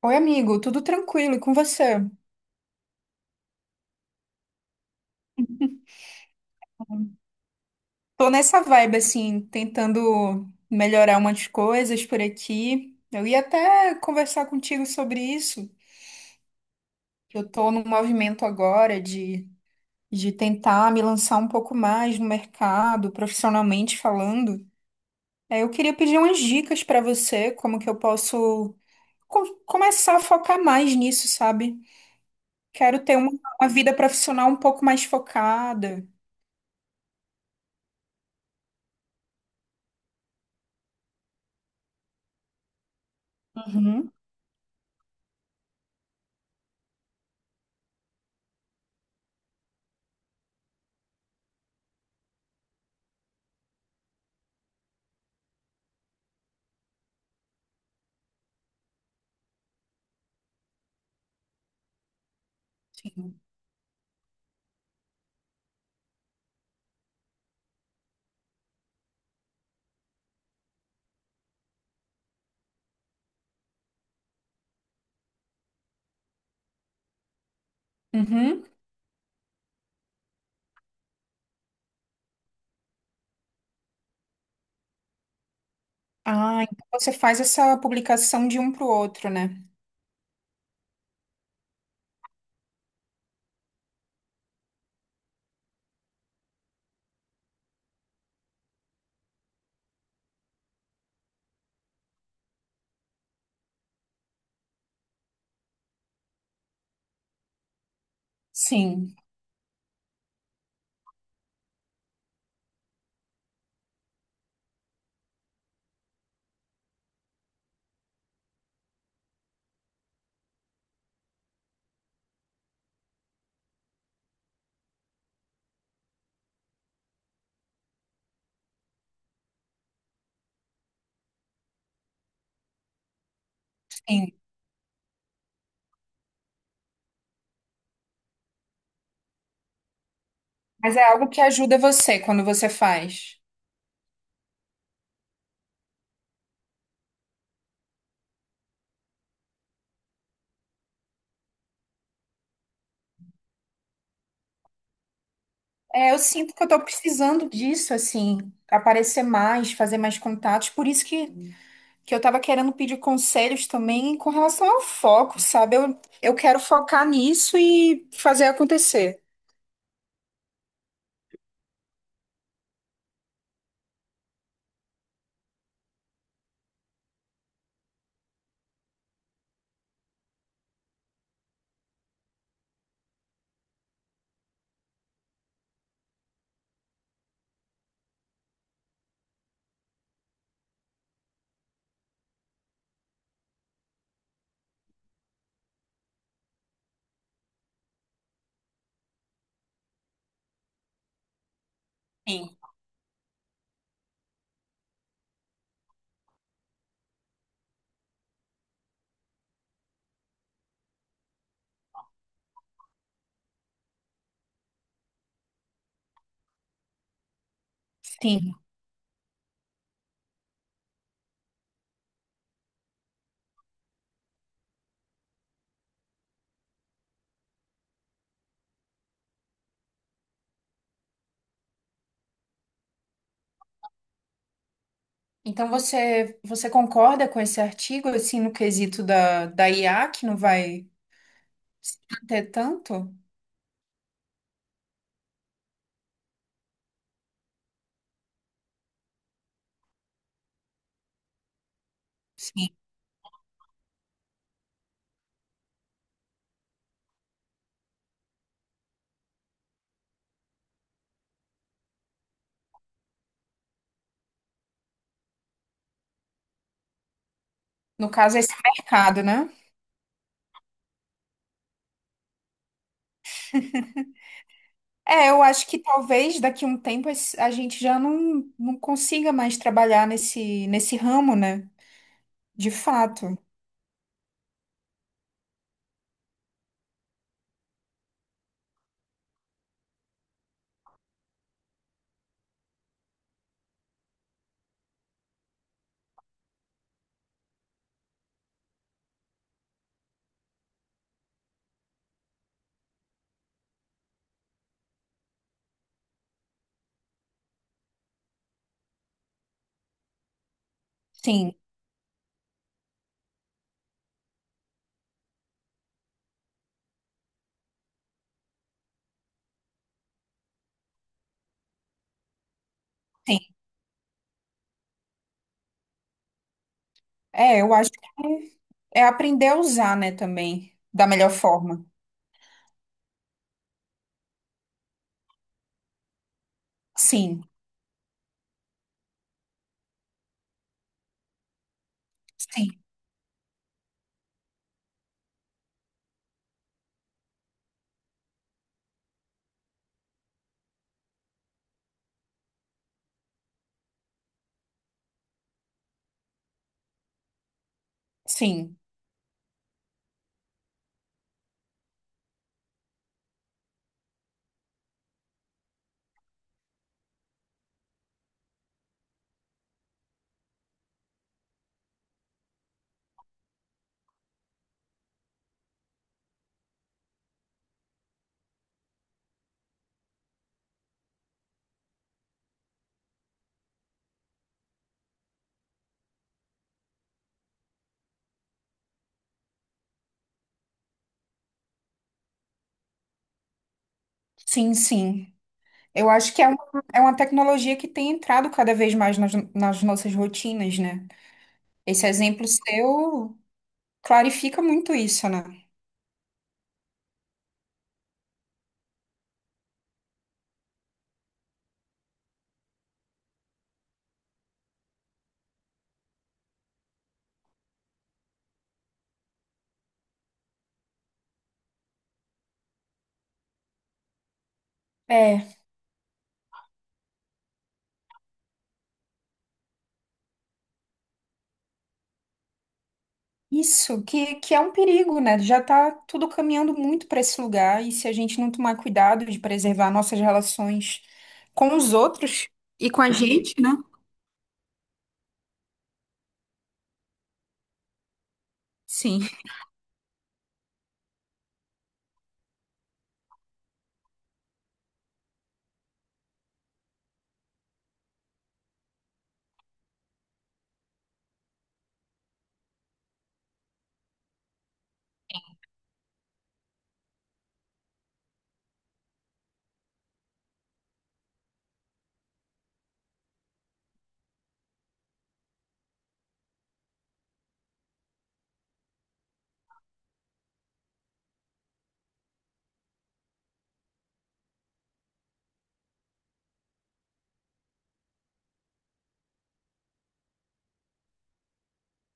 Oi, amigo, tudo tranquilo e com você? Tô nessa vibe, assim, tentando melhorar umas coisas por aqui. Eu ia até conversar contigo sobre isso. Eu tô num movimento agora de tentar me lançar um pouco mais no mercado, profissionalmente falando. Eu queria pedir umas dicas pra você, como que eu posso começar a focar mais nisso, sabe? Quero ter uma, uma vida profissional um pouco mais focada. Uhum. Uhum. Ah, então você faz essa publicação de um para o outro, né? Sim, sim. Mas é algo que ajuda você quando você faz. É, eu sinto que eu tô precisando disso, assim, aparecer mais, fazer mais contatos. Por isso que eu tava querendo pedir conselhos também com relação ao foco, sabe? Eu quero focar nisso e fazer acontecer. Sim. Então você concorda com esse artigo, assim, no quesito da IA, que não vai se manter tanto? No caso, esse mercado, né? É, eu acho que talvez daqui a um tempo a gente já não consiga mais trabalhar nesse ramo, né? De fato. Sim, sim. É, eu acho que é aprender a usar, né, também, da melhor forma. Sim, sim, sim, sim, sim. Eu acho que é uma tecnologia que tem entrado cada vez mais nas nossas rotinas, né? Esse exemplo seu clarifica muito isso, né? É. Isso, que é um perigo, né? Já tá tudo caminhando muito para esse lugar, e se a gente não tomar cuidado de preservar nossas relações com os outros e com a gente, né? Sim,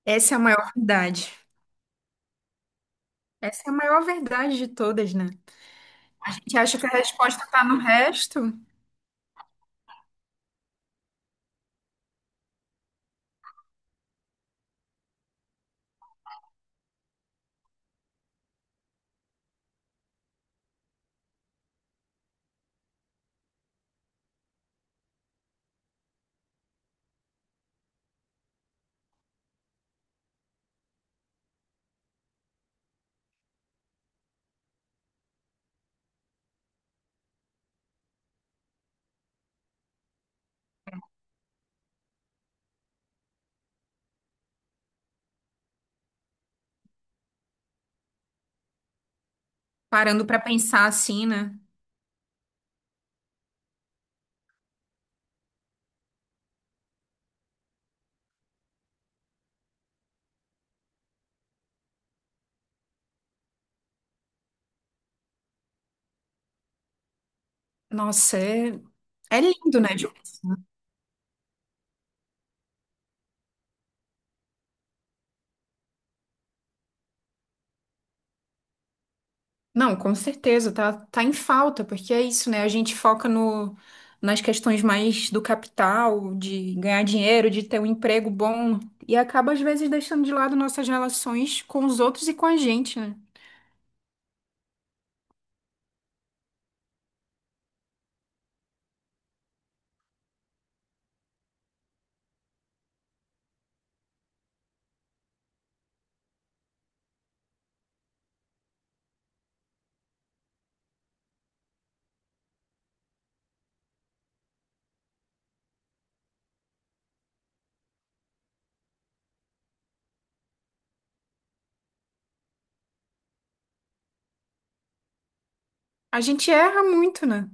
essa é a maior verdade. Essa é a maior verdade de todas, né? A gente acha que a resposta tá no resto, parando para pensar assim, né? Nossa, é, é lindo, né? Não, com certeza, tá, tá em falta, porque é isso, né? A gente foca no, nas questões mais do capital, de ganhar dinheiro, de ter um emprego bom, e acaba, às vezes, deixando de lado nossas relações com os outros e com a gente, né? A gente erra muito, né?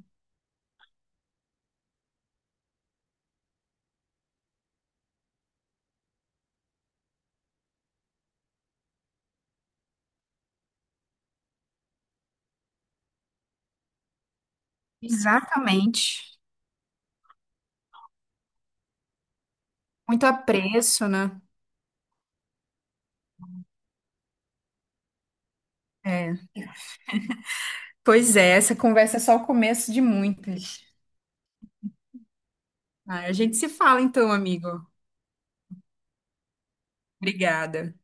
Exatamente. Muito apreço, né? É. Pois é, essa conversa é só o começo de muitas. Ah, a gente se fala então, amigo. Obrigada.